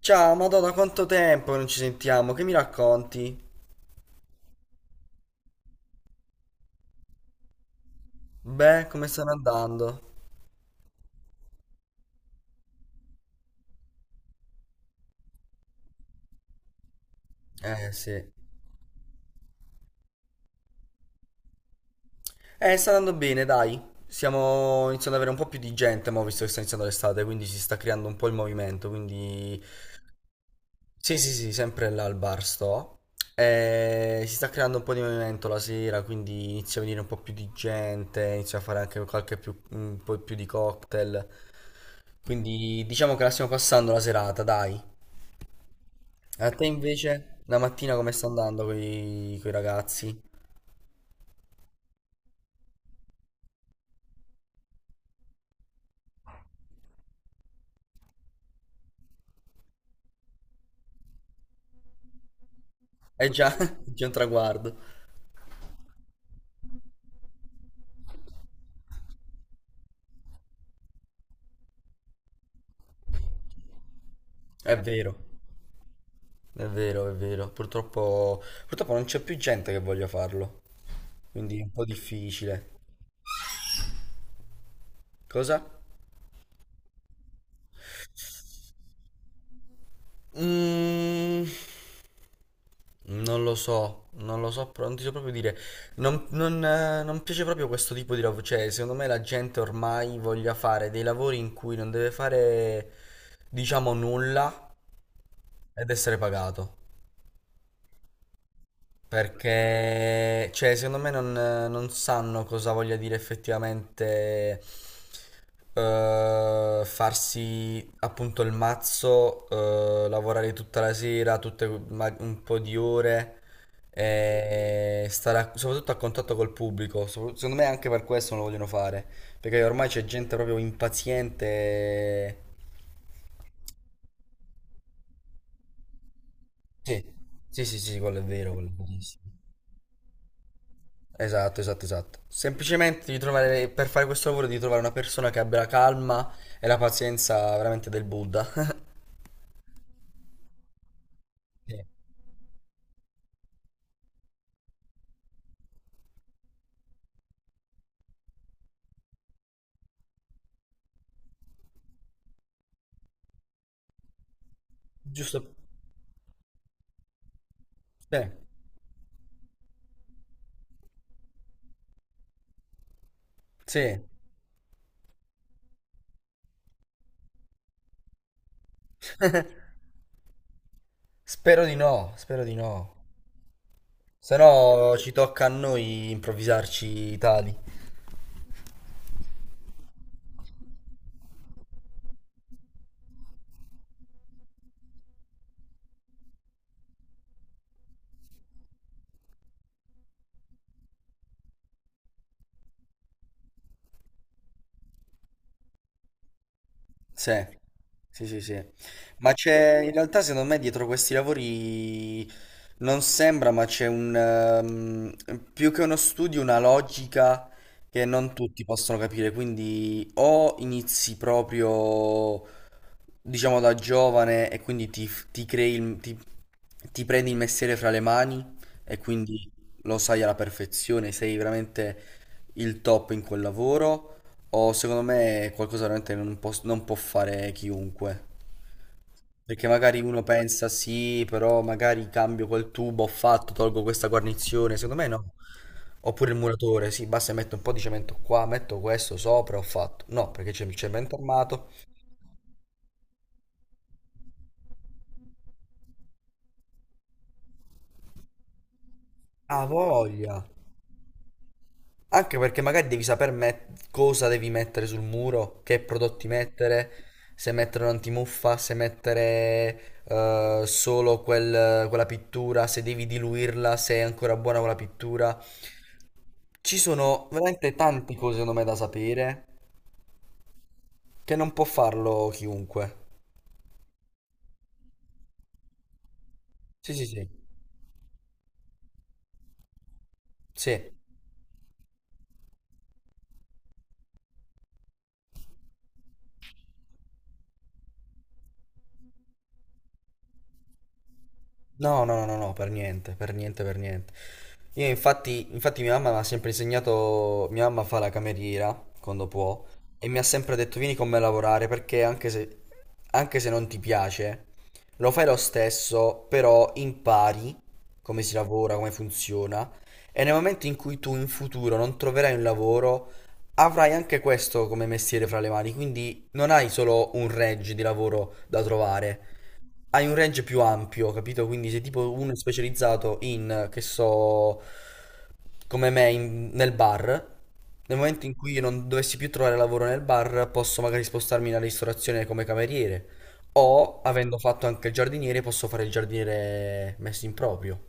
Ciao, Madonna, quanto tempo che non ci sentiamo, che mi racconti? Beh, come stanno andando? Sì. Sta andando bene, dai. Stiamo iniziando ad avere un po' più di gente, ma visto che sta iniziando l'estate, quindi si sta creando un po' il movimento, quindi. Sì, sì, sì, sempre là al bar sto. Si sta creando un po' di movimento la sera, quindi inizia a venire un po' più di gente, inizia a fare anche un po' più di cocktail. Quindi diciamo che la stiamo passando la serata, dai. A te invece, la mattina come sta andando con i ragazzi? È già, è già un traguardo. È vero, è vero, è vero. Purtroppo non c'è più gente che voglia farlo, quindi è un po' difficile. Cosa? Mm, non lo so, non lo so, non ti so proprio dire. Non piace proprio questo tipo di lavoro. Cioè, secondo me la gente ormai voglia fare dei lavori in cui non deve fare, diciamo, nulla ed essere pagato. Perché, cioè, secondo me non sanno cosa voglia dire effettivamente farsi appunto il mazzo, lavorare tutta la sera, un po' di ore e stare soprattutto a contatto col pubblico. Secondo me anche per questo non lo vogliono fare, perché ormai c'è gente proprio impaziente. Sì, sì, sì, sì, quello è vero, quello è verissimo. Esatto, esatto, esatto. Semplicemente devi trovare, per fare questo lavoro devi trovare una persona che abbia la calma e la pazienza veramente del Buddha. Sì. Giusto? Bene. Sì. Spero di no, spero di no. Se no ci tocca a noi improvvisarci tali. Sì, sì, sì, sì. Ma c'è, in realtà secondo me dietro questi lavori non sembra, ma c'è un, più che uno studio, una logica che non tutti possono capire. Quindi o inizi proprio, diciamo, da giovane e quindi ti crei, ti prendi il mestiere fra le mani e quindi lo sai alla perfezione, sei veramente il top in quel lavoro. O secondo me è qualcosa veramente che non può fare chiunque. Perché magari uno pensa sì, però magari cambio quel tubo, ho fatto, tolgo questa guarnizione. Secondo me no. Oppure il muratore, sì, basta metto un po' di cemento qua, metto questo sopra, ho fatto. No, perché c'è il cemento armato. Ha voglia. Anche perché magari devi sapere cosa devi mettere sul muro, che prodotti mettere, se mettere un'antimuffa, se mettere solo quella pittura, se devi diluirla, se è ancora buona quella pittura. Ci sono veramente tante cose, secondo me, da sapere che non può farlo chiunque. Sì, sì, sì. Sì. No, no, no, no, per niente, per niente, per niente. Io infatti mia mamma mi ha sempre insegnato, mia mamma fa la cameriera quando può e mi ha sempre detto vieni con me a lavorare perché anche se non ti piace, lo fai lo stesso, però impari come si lavora, come funziona e nel momento in cui tu in futuro non troverai un lavoro, avrai anche questo come mestiere fra le mani, quindi non hai solo un range di lavoro da trovare, hai un range più ampio, capito? Quindi se tipo uno è specializzato in, che so, come me, nel bar, nel momento in cui io non dovessi più trovare lavoro nel bar, posso magari spostarmi nella ristorazione come cameriere. O, avendo fatto anche il giardiniere, posso fare il giardiniere messo in proprio.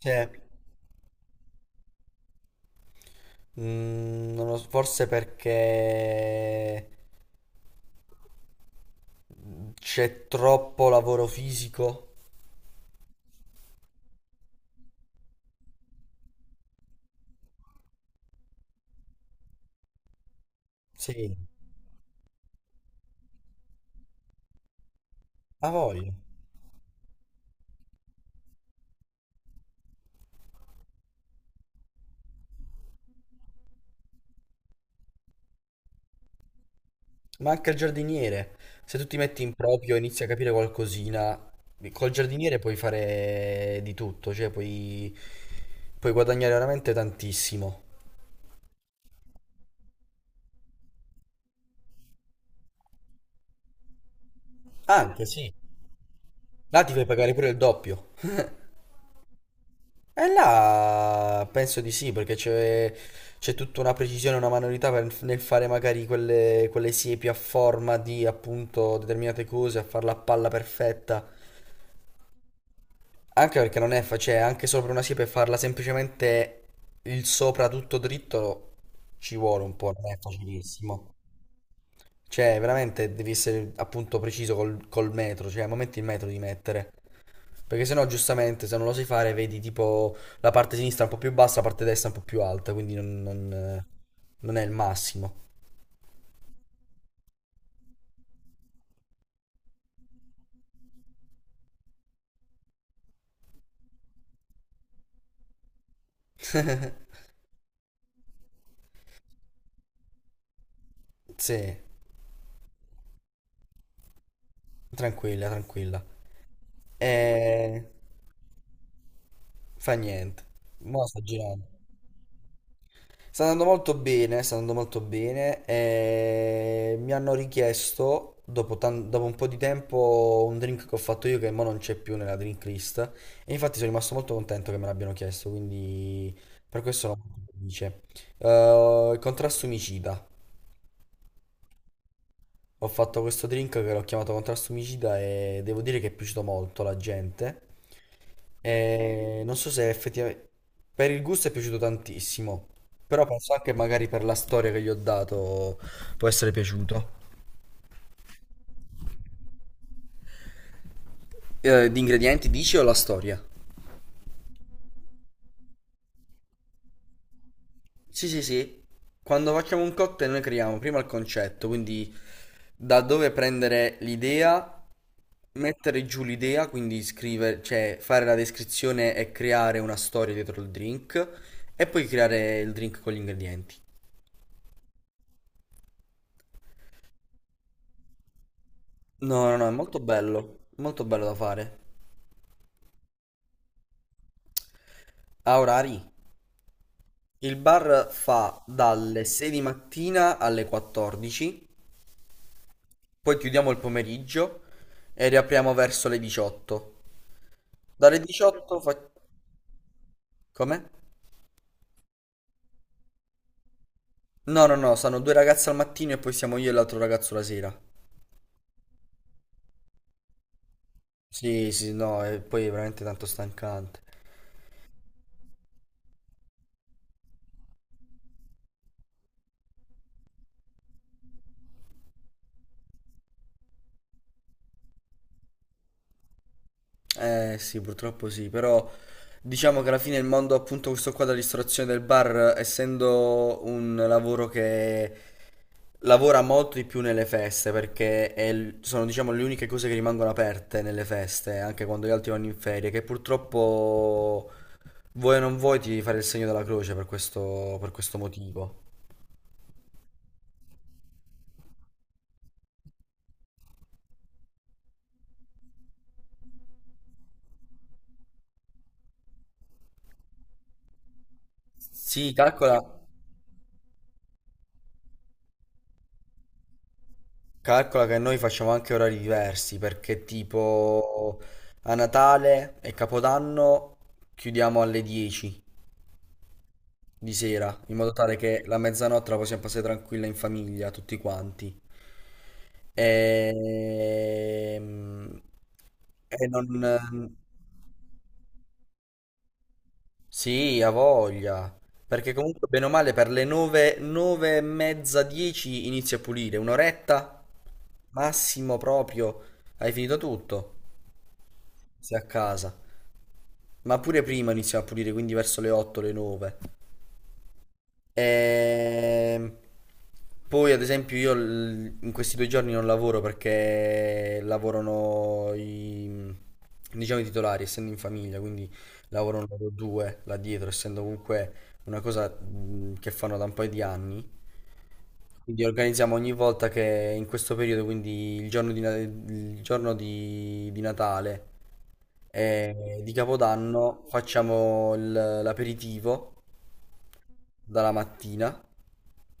Cioè, non lo so, forse perché c'è troppo lavoro fisico. Sì, ha voglia. Ma anche il giardiniere, se tu ti metti in proprio e inizi a capire qualcosina, col giardiniere puoi fare di tutto, cioè puoi guadagnare veramente tantissimo. Anche sì, là ti fai pagare pure il doppio. E là penso di sì, perché c'è tutta una precisione, una manualità nel fare magari quelle siepi a forma di appunto determinate cose, a farla a palla perfetta. Anche perché non è facile, anche sopra una siepe farla semplicemente il sopra tutto dritto ci vuole un po', non è facilissimo. Cioè, veramente devi essere appunto preciso col metro, cioè al momento il metro di mettere. Perché sennò giustamente se non lo sai fare vedi tipo la parte sinistra un po' più bassa, la parte destra un po' più alta, quindi non è il massimo. Sì, tranquilla, tranquilla. E fa niente. Mo' sto girando. Sta andando molto bene, sta andando molto bene. E mi hanno richiesto, dopo, dopo un po' di tempo, un drink che ho fatto io che mo non c'è più nella drink list. E infatti sono rimasto molto contento che me l'abbiano chiesto, quindi per questo sono molto felice. Il contrasto omicida. Ho fatto questo drink che l'ho chiamato contrasto omicida e devo dire che è piaciuto molto alla gente. Non so se effettivamente per il gusto è piaciuto tantissimo, però penso anche magari per la storia che gli ho dato può essere piaciuto. Di ingredienti dici o la storia? Sì, sì, sì. Quando facciamo un cocktail noi creiamo prima il concetto, quindi da dove prendere l'idea, mettere giù l'idea, quindi scrivere, cioè fare la descrizione e creare una storia dietro il drink e poi creare il drink con gli ingredienti. No, no, no, è molto bello da fare. A orari. Il bar fa dalle 6 di mattina alle 14, poi chiudiamo il pomeriggio e riapriamo verso le 18. Dalle 18 fa. Come? No, no, no, sono due ragazze al mattino e poi siamo io e l'altro ragazzo la sera. Sì, sì, no, e poi è veramente tanto stancante. Eh sì, purtroppo sì, però diciamo che alla fine il mondo appunto questo qua della ristorazione del bar, essendo un lavoro che lavora molto di più nelle feste perché è sono diciamo le uniche cose che rimangono aperte nelle feste, anche quando gli altri vanno in ferie, che purtroppo vuoi o non vuoi ti devi fare il segno della croce per questo motivo. Sì, calcola che noi facciamo anche orari diversi perché tipo a Natale e Capodanno chiudiamo alle 10 di sera, in modo tale che la mezzanotte la possiamo passare tranquilla in famiglia, tutti quanti. Ehm, E, non. Sì, ha voglia. Perché comunque, bene o male, per le 9, 9:30, 10 inizia a pulire. Un'oretta, massimo proprio, hai finito tutto. Sei a casa. Ma pure prima inizia a pulire, quindi verso le 8, le 9. Ehm, Poi, ad esempio, io in questi 2 giorni non lavoro perché lavorano i, diciamo, i titolari, essendo in famiglia, quindi lavorano loro due là dietro, essendo comunque una cosa che fanno da un paio di anni. Quindi organizziamo ogni volta che in questo periodo, quindi il giorno di Natale e di Capodanno facciamo l'aperitivo dalla mattina,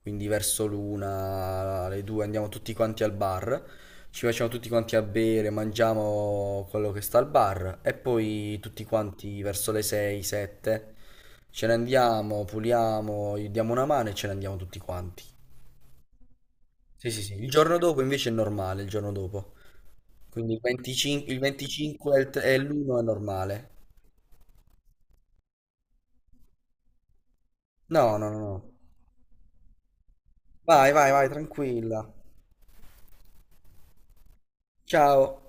quindi verso l'1, le 2 andiamo tutti quanti al bar, ci facciamo tutti quanti a bere, mangiamo quello che sta al bar e poi tutti quanti verso le 6, 7 ce ne andiamo, puliamo, gli diamo una mano e ce ne andiamo tutti quanti. Sì, sì, sì. Il giorno dopo invece è normale, il giorno dopo. Quindi il 25, il 25 e l'1 è normale. No, no, no, no. Vai, vai, vai, tranquilla. Ciao.